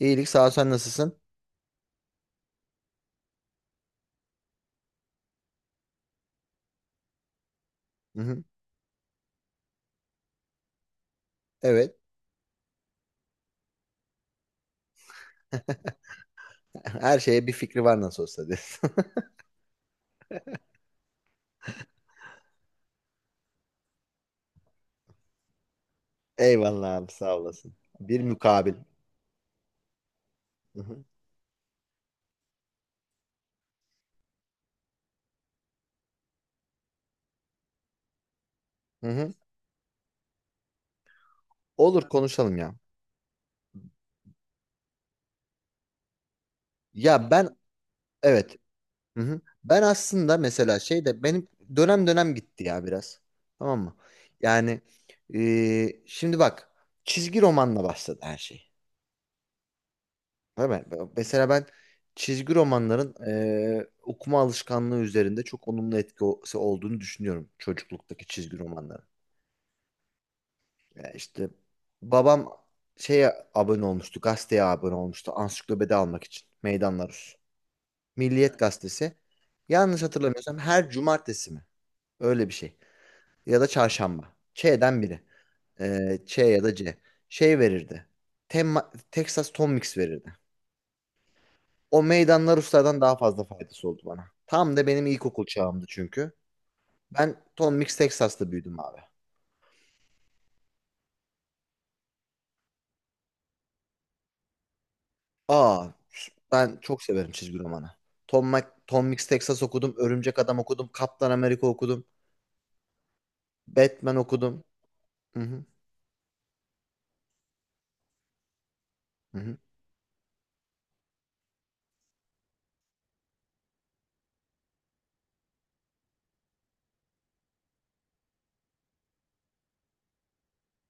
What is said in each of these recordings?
İyilik sağ ol, sen nasılsın? Hı hı. Evet. Her şeye bir fikri var nasıl olsa diyorsun. Eyvallah abi, sağ olasın. Bir mukabil. Hı hı. Hı hı. Olur, konuşalım ya. Ya ben evet. Hı hı. Ben aslında mesela şey de benim dönem dönem gitti ya biraz. Tamam mı? Yani şimdi bak, çizgi romanla başladı her şey. Değil mi? Mesela ben çizgi romanların okuma alışkanlığı üzerinde çok olumlu etkisi olduğunu düşünüyorum, çocukluktaki çizgi romanların. Ya işte babam şeye abone olmuştu, gazeteye abone olmuştu ansiklopedi almak için. Meydanlar Rus. Milliyet gazetesi. Yanlış hatırlamıyorsam her cumartesi mi? Öyle bir şey. Ya da çarşamba. Ç'den biri. Ç ya da C. Şey verirdi. Temma, Texas Tom Mix verirdi. O meydanlar Ruslardan daha fazla faydası oldu bana. Tam da benim ilkokul çağımdı çünkü. Ben Tom Mix Texas'ta büyüdüm abi. Aa, ben çok severim çizgi romanı. Tom Mix Texas okudum, Örümcek Adam okudum, Kaptan Amerika okudum, Batman okudum. Hı hı, hı hı.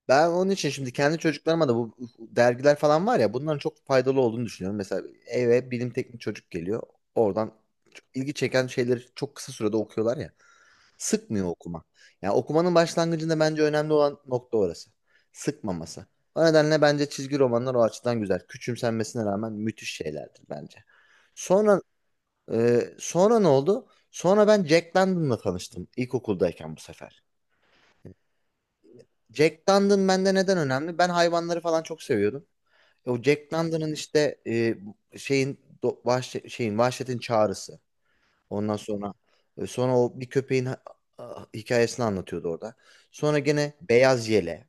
Ben onun için şimdi kendi çocuklarıma da bu dergiler falan var ya, bunların çok faydalı olduğunu düşünüyorum. Mesela eve bilim teknik çocuk geliyor. Oradan çok ilgi çeken şeyleri çok kısa sürede okuyorlar ya. Sıkmıyor okuma. Yani okumanın başlangıcında bence önemli olan nokta orası. Sıkmaması. O nedenle bence çizgi romanlar o açıdan güzel. Küçümsenmesine rağmen müthiş şeylerdir bence. Sonra sonra ne oldu? Sonra ben Jack London'la tanıştım ilkokuldayken bu sefer. Jack London bende neden önemli? Ben hayvanları falan çok seviyordum. O Jack London'ın işte e, şeyin do- vahşe- şeyin vahşetin çağrısı. Ondan sonra sonra o bir hikayesini anlatıyordu orada. Sonra gene Beyaz Yele.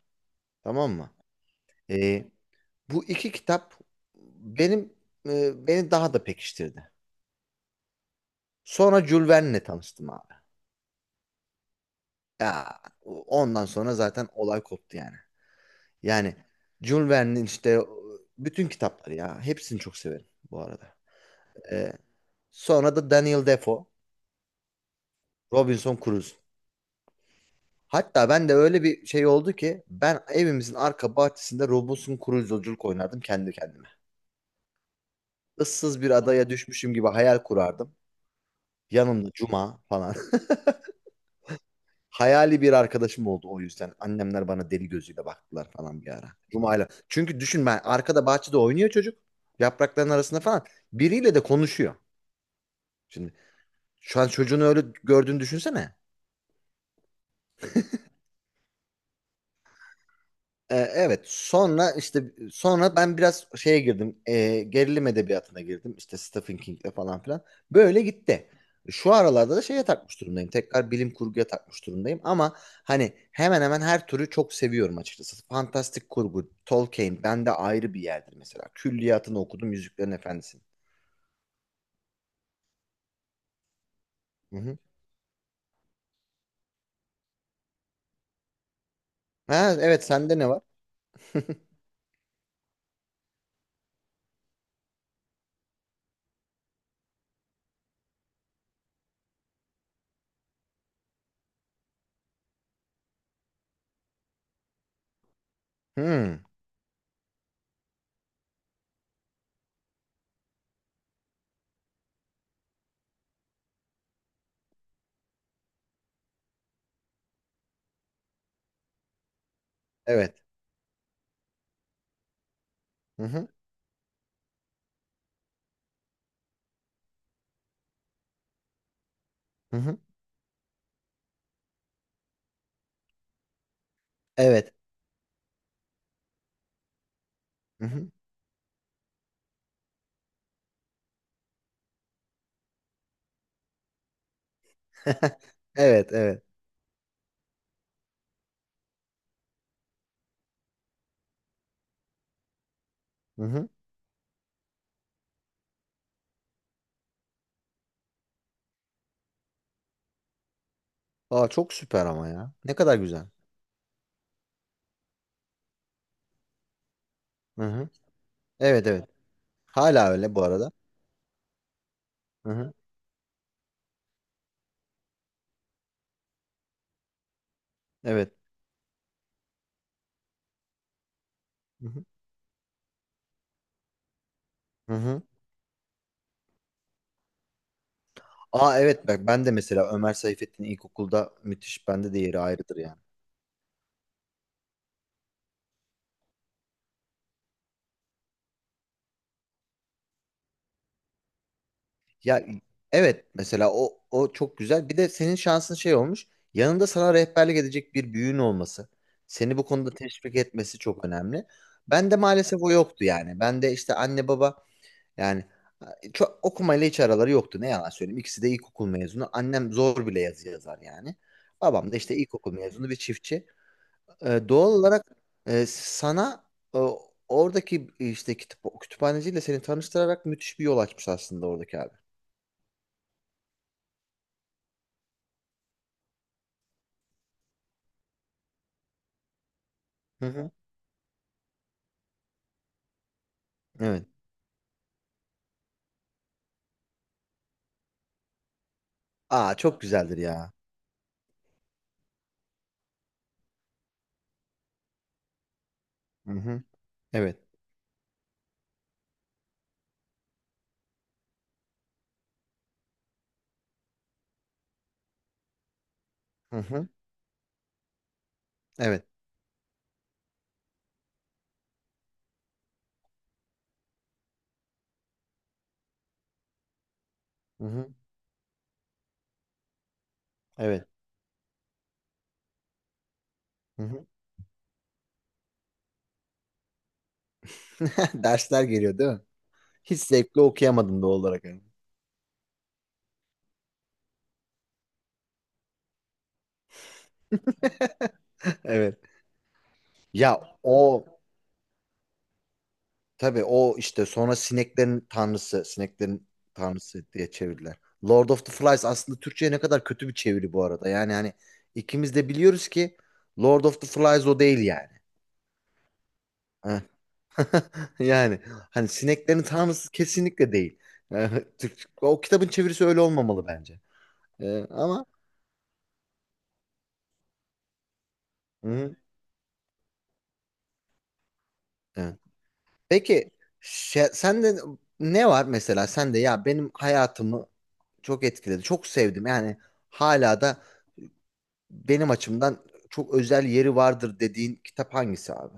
Tamam mı? E, Bu iki kitap benim beni daha da pekiştirdi. Sonra Jules Verne'le tanıştım abi. Ya ondan sonra zaten olay koptu yani. Yani Jules Verne'in işte bütün kitapları, ya hepsini çok severim bu arada. E, Sonra da Daniel Defoe, Robinson Crusoe. Hatta ben de öyle bir şey oldu ki ben evimizin arka bahçesinde Robinson Crusoe'culuk oynardım kendi kendime. Issız bir adaya düşmüşüm gibi hayal kurardım. Yanımda Cuma falan. Hayali bir arkadaşım oldu o yüzden. Annemler bana deli gözüyle baktılar falan bir ara. Cuma'yla. Çünkü düşün, ben arkada bahçede oynuyor çocuk. Yaprakların arasında falan. Biriyle de konuşuyor. Şimdi şu an çocuğunu öyle gördüğünü düşünsene. Evet, sonra işte sonra ben biraz şeye girdim, gerilim edebiyatına girdim işte Stephen King'le falan filan böyle gitti. Şu aralarda da şeye takmış durumdayım, tekrar bilim kurguya takmış durumdayım ama hani hemen hemen her türü çok seviyorum açıkçası. Fantastik kurgu Tolkien bende ayrı bir yerdir mesela, külliyatını okudum Yüzüklerin Efendisi'nin. Hı hı. Ha, evet sende ne var? Hmm, evet. Hı hı. Hı hı. Evet. Hı hı. Evet, evet. Hı hı. Aa çok süper ama ya. Ne kadar güzel. Hı hı. Evet, evet. Hala öyle bu arada. Hı hı. Evet. Hı hı. Hı hı. Aa evet, bak ben de mesela Ömer Seyfettin ilkokulda müthiş, bende de yeri ayrıdır yani. Ya evet, mesela o çok güzel. Bir de senin şansın şey olmuş. Yanında sana rehberlik edecek bir büyüğün olması. Seni bu konuda teşvik etmesi çok önemli. Ben de maalesef o yoktu yani. Ben de işte anne baba, yani çok okumayla hiç araları yoktu. Ne yalan söyleyeyim. İkisi de ilkokul mezunu. Annem zor bile yazı yazar yani. Babam da işte ilkokul mezunu bir çiftçi. Doğal olarak e, sana e, oradaki işte kitap, kütüphaneciyle seni tanıştırarak müthiş bir yol açmış aslında oradaki abi. Hı hı. Evet. Aa çok güzeldir ya. Hı hı. Evet. Hı hı. Evet. Hı hı. Evet. Hı hı. Dersler geliyor, değil mi? Hiç zevkli okuyamadım doğal olarak. Evet. Ya o. Tabii o işte sonra sineklerin tanrısı diye çevirdiler. Lord of the Flies aslında Türkçe'ye ne kadar kötü bir çeviri bu arada. Yani hani ikimiz de biliyoruz ki Lord of the Flies o değil yani. Eh, Yani hani sineklerin tanrısı kesinlikle değil. Eh, Türk, o kitabın çevirisi öyle olmamalı bence. Ama hı, evet. Peki sende ne var mesela, sen de. Ya benim hayatımı çok etkiledi, çok sevdim yani, hala da benim açımdan çok özel yeri vardır dediğin kitap hangisi abi?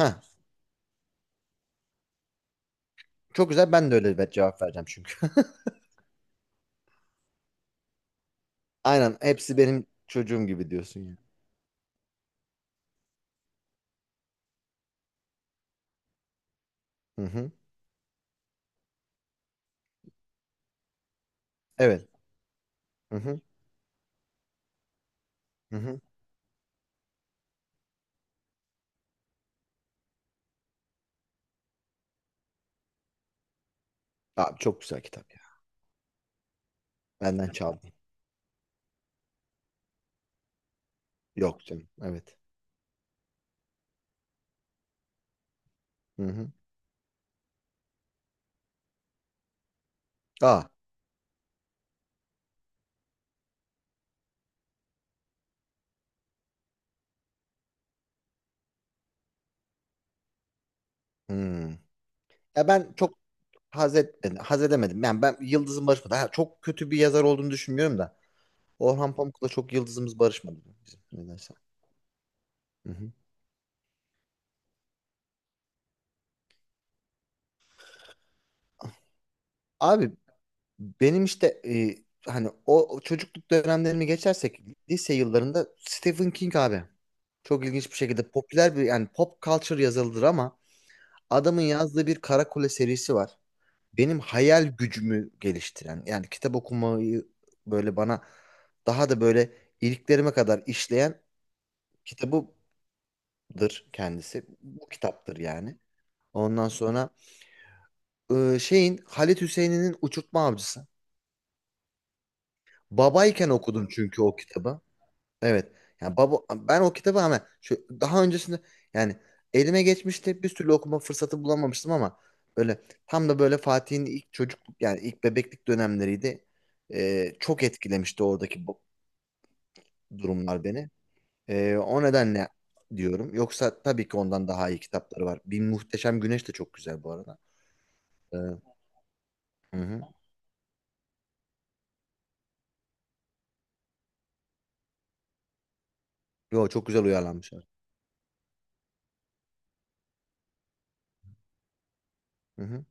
Heh, çok güzel, ben de öyle bir cevap vereceğim çünkü. Aynen, hepsi benim çocuğum gibi diyorsun ya. Hı hı. Evet. Hı hı. Hı hı. Abi çok güzel kitap ya. Benden çaldın. Yok canım. Evet. Hı hı. Aa. Hmm. Ya ben çok haz etmedim. Haz edemedim. Yani ben, yıldızım barışmadı. Ha, çok kötü bir yazar olduğunu düşünmüyorum da. Orhan Pamuk'la çok yıldızımız barışmadı bizim. Nedense. Hı hı. Abi, benim işte hani o çocukluk dönemlerimi geçersek lise yıllarında Stephen King abi. Çok ilginç bir şekilde popüler bir yani pop culture yazılıdır ama adamın yazdığı bir Karakule serisi var. Benim hayal gücümü geliştiren, yani kitap okumayı böyle bana daha da böyle iliklerime kadar işleyen kitabıdır kendisi. Bu kitaptır yani. Ondan sonra şeyin Halit Hüseyin'in Uçurtma Avcısı. Babayken okudum çünkü o kitabı. Evet. Yani baba, ben o kitabı ama şu daha öncesinde yani elime geçmişti. Bir türlü okuma fırsatı bulamamıştım ama böyle tam da böyle Fatih'in ilk çocukluk, yani ilk bebeklik dönemleriydi. Çok etkilemişti oradaki bu durumlar beni. O nedenle diyorum. Yoksa tabii ki ondan daha iyi kitapları var. Bir Muhteşem Güneş de çok güzel bu arada. Ee, hı hı. Yo çok güzel uyarlanmış. Hı hı.